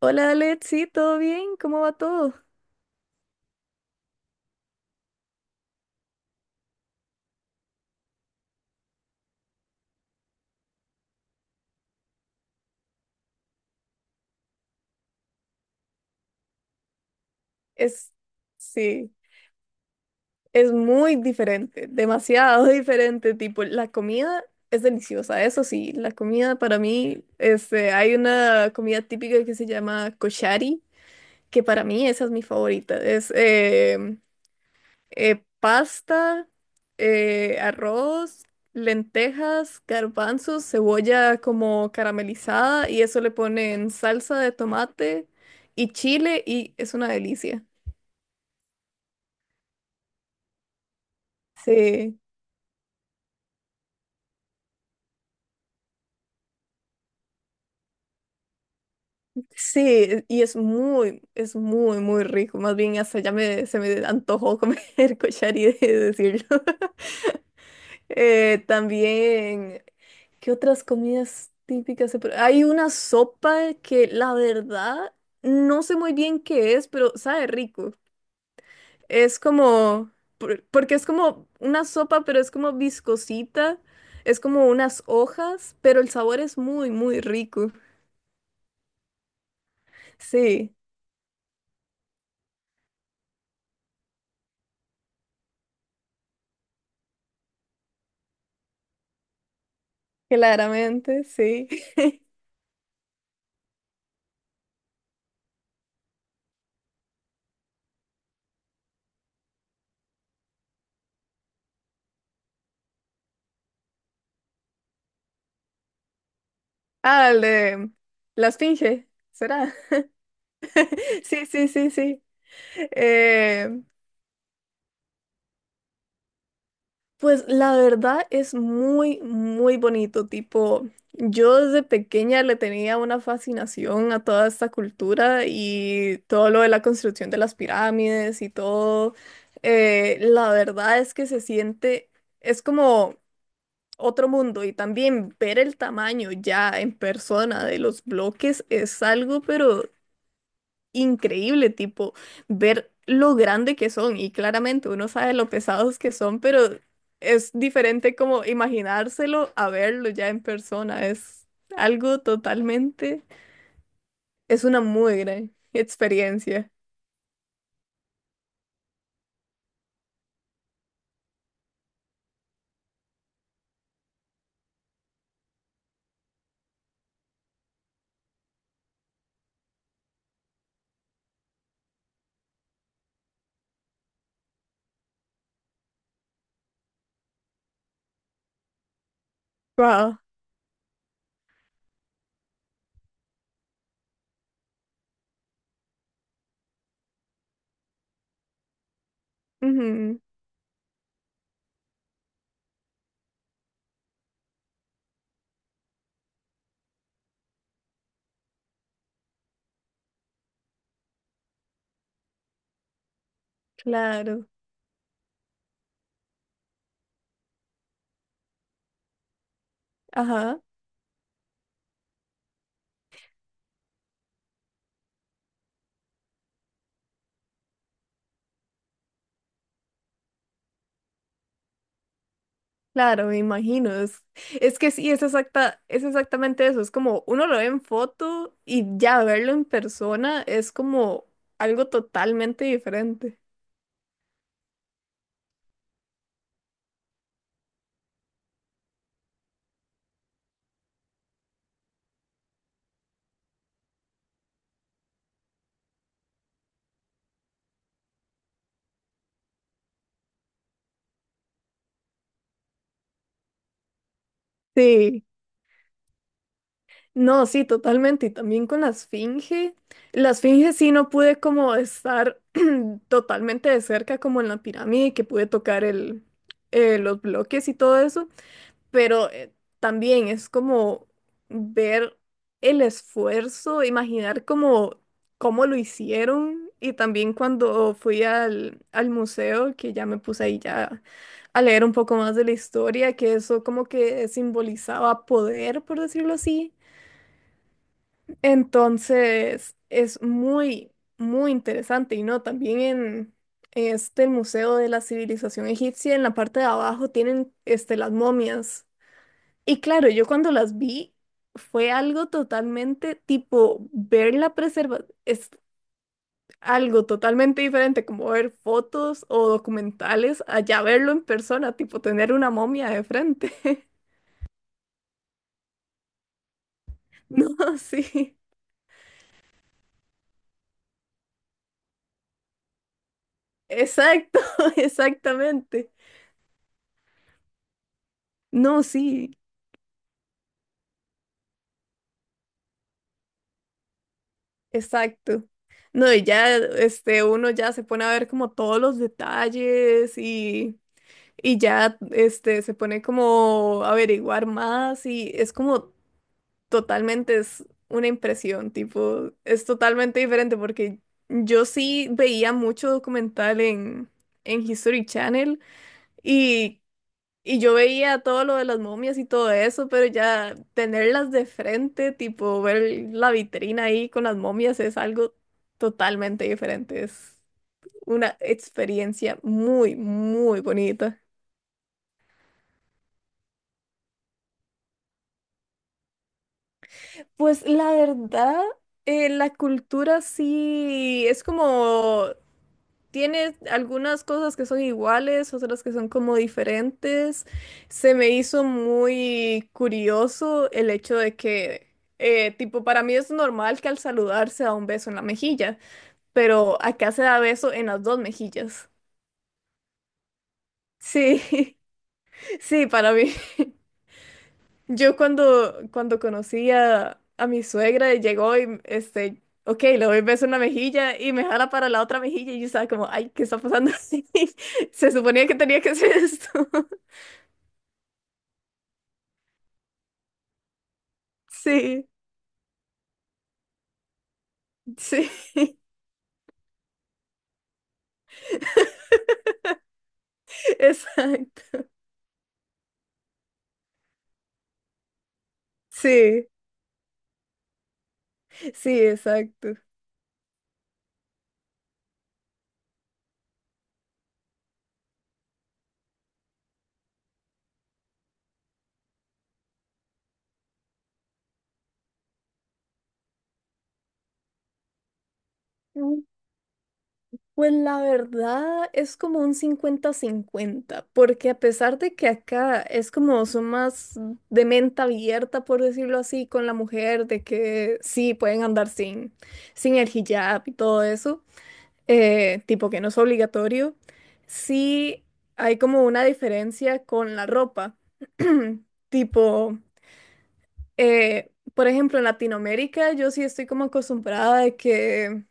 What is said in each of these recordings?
Hola Alex, sí, ¿todo bien? ¿Cómo va todo? Es, sí, es muy diferente, demasiado diferente, tipo, la comida es deliciosa, eso sí, la comida para mí, hay una comida típica que se llama koshari, que para mí esa es mi favorita, es pasta, arroz, lentejas, garbanzos, cebolla como caramelizada y eso le ponen salsa de tomate y chile y es una delicia. Sí, sí, y es es muy, muy rico. Más bien hasta ya se me antojó comer cochari de decirlo. También, ¿qué otras comidas típicas se pre- Hay una sopa que la verdad no sé muy bien qué es, pero sabe rico. Es como, porque es como una sopa, pero es como viscosita, es como unas hojas, pero el sabor es muy, muy rico. Sí, claramente, sí. Ah, el de la esfinge, ¿será? Sí, sí, sí, sí. Eh, Pues la verdad es muy, muy bonito. Tipo, yo desde pequeña le tenía una fascinación a toda esta cultura y todo lo de la construcción de las pirámides y todo. La verdad es que es como otro mundo y también ver el tamaño ya en persona de los bloques es algo, pero increíble, tipo, ver lo grande que son y claramente uno sabe lo pesados que son, pero es diferente como imaginárselo a verlo ya en persona, algo totalmente, es una muy gran experiencia. Wow. Ujú, claro, ajá. Claro, me imagino. Es que sí, es exactamente eso. Es como uno lo ve en foto y ya verlo en persona es como algo totalmente diferente. Sí. No, sí, totalmente. Y también con la esfinge. La esfinge sí no pude como estar totalmente de cerca como en la pirámide, que pude tocar los bloques y todo eso. Pero también es como ver el esfuerzo, imaginar como cómo lo hicieron. Y también cuando fui al museo, que ya me puse ahí ya a leer un poco más de la historia, que eso como que simbolizaba poder, por decirlo así, entonces, es muy, muy interesante. Y no, también en, Este el Museo de la Civilización Egipcia, en la parte de abajo, tienen este, las momias. Y claro, yo cuando las vi, fue algo totalmente tipo ver la preserva, es algo totalmente diferente como ver fotos o documentales, allá verlo en persona, tipo tener una momia de frente. No, sí, exacto, exactamente. No, sí. Exacto. No, y ya este, uno ya se pone a ver como todos los detalles y ya este, se pone como a averiguar más y es como totalmente es una impresión, tipo, es totalmente diferente porque yo sí veía mucho documental en History Channel y y yo veía todo lo de las momias y todo eso, pero ya tenerlas de frente, tipo ver la vitrina ahí con las momias es algo totalmente diferente. Es una experiencia muy, muy bonita. Pues la verdad, la cultura sí es como tiene algunas cosas que son iguales, otras que son como diferentes. Se me hizo muy curioso el hecho de que, tipo, para mí es normal que al saludar se da un beso en la mejilla, pero acá se da beso en las dos mejillas. Sí, sí, para mí. Cuando conocí a mi suegra, llegó y, este, ok, le doy beso en una mejilla y me jala para la otra mejilla y yo estaba como, ay, ¿qué está pasando? Se suponía que tenía que hacer esto. Sí, sí. Exacto. Sí, sí, exacto. Mm, Pues la verdad es como un cincuenta-cincuenta, porque a pesar de que acá es como son más de mente abierta, por decirlo así, con la mujer, de que sí pueden andar sin el hijab y todo eso, tipo que no es obligatorio, sí hay como una diferencia con la ropa. Tipo. Por ejemplo, en Latinoamérica yo sí estoy como acostumbrada de que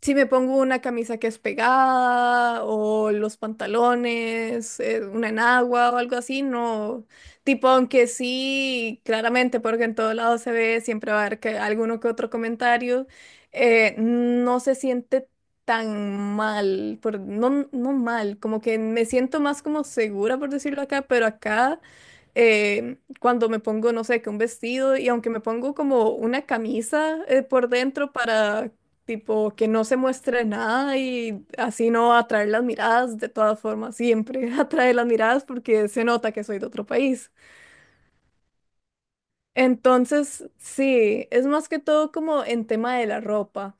si me pongo una camisa que es pegada o los pantalones, una enagua o algo así, no. Tipo, aunque sí, claramente, porque en todo lado se ve, siempre va a haber alguno que otro comentario, no se siente tan mal, no, no mal, como que me siento más como segura, por decirlo acá, pero acá cuando me pongo, no sé, que un vestido y aunque me pongo como una camisa por dentro para tipo, que no se muestre nada y así no va a atraer las miradas, de todas formas, siempre atrae las miradas porque se nota que soy de otro país. Entonces, sí, es más que todo como en tema de la ropa,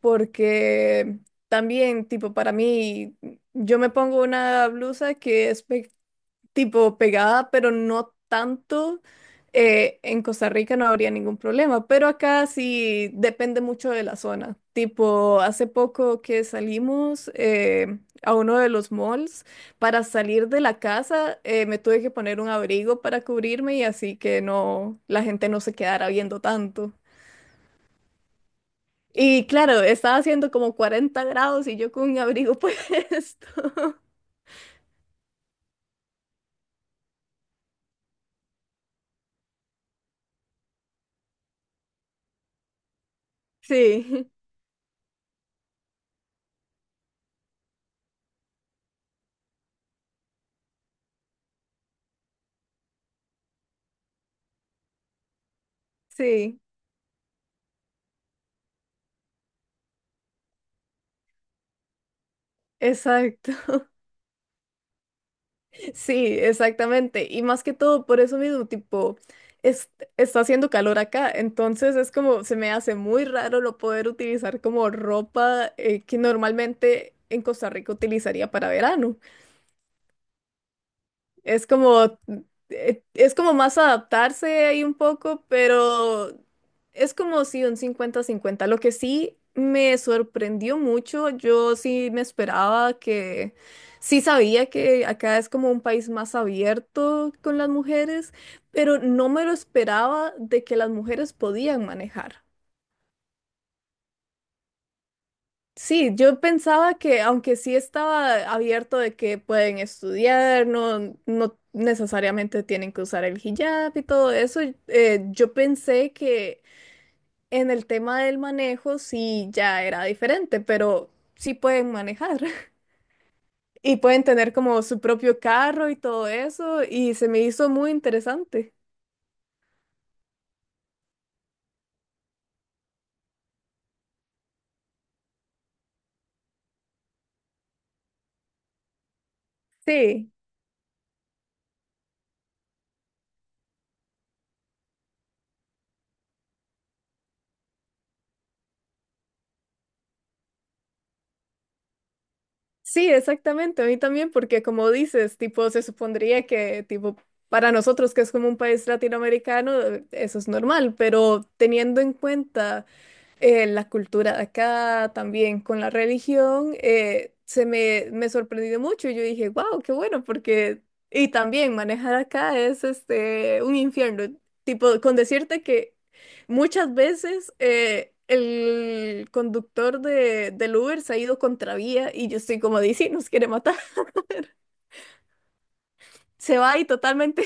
porque también, tipo, para mí, yo me pongo una blusa que tipo pegada, pero no tanto, en Costa Rica no habría ningún problema, pero acá sí depende mucho de la zona. Tipo, hace poco que salimos a uno de los malls, para salir de la casa me tuve que poner un abrigo para cubrirme y así que no, la gente no se quedara viendo tanto. Y claro, estaba haciendo como 40 grados y yo con un abrigo puesto. Sí, sí, exacto. Sí, exactamente. Y más que todo, por eso mismo, tipo, es- está haciendo calor acá, entonces es como, se me hace muy raro lo poder utilizar como ropa que normalmente en Costa Rica utilizaría para verano. Es como, es como más adaptarse ahí un poco, pero es como si un cincuenta-cincuenta. Lo que sí me sorprendió mucho, yo sí me esperaba sí sabía que acá es como un país más abierto con las mujeres, pero no me lo esperaba de que las mujeres podían manejar. Sí, yo pensaba que aunque sí estaba abierto de que pueden estudiar, no, no necesariamente tienen que usar el hijab y todo eso, yo pensé que en el tema del manejo sí ya era diferente, pero sí pueden manejar y pueden tener como su propio carro y todo eso y se me hizo muy interesante. Sí. Sí, exactamente, a mí también, porque como dices, tipo, se supondría que, tipo, para nosotros que es como un país latinoamericano, eso es normal, pero teniendo en cuenta la cultura de acá, también con la religión, me sorprendió mucho. Yo dije, wow, qué bueno, porque... Y también manejar acá es este, un infierno. Tipo, con decirte que muchas veces el conductor del Uber se ha ido contravía y yo estoy como, dice, nos quiere matar. Se va y totalmente.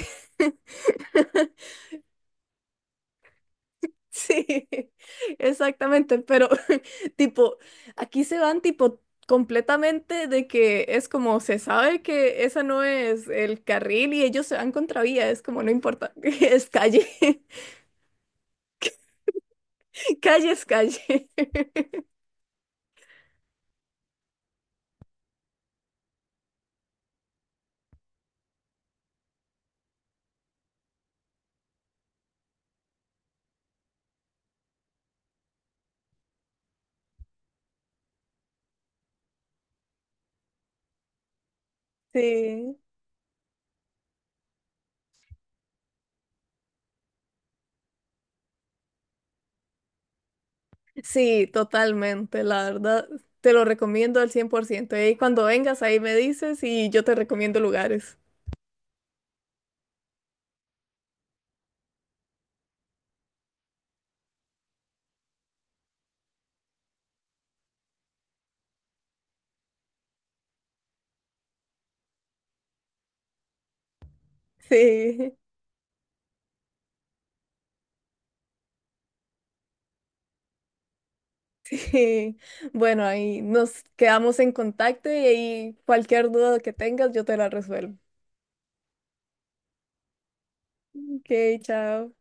Sí, exactamente, pero tipo, aquí se van tipo completamente de que es como se sabe que esa no es el carril y ellos se van contravía, es como no importa, es calle, calle es calle. Sí, sí, totalmente, la verdad, te lo recomiendo al 100%. Y cuando vengas ahí me dices y yo te recomiendo lugares. Sí. Sí, bueno, ahí nos quedamos en contacto y ahí cualquier duda que tengas yo te la resuelvo. Ok, chao.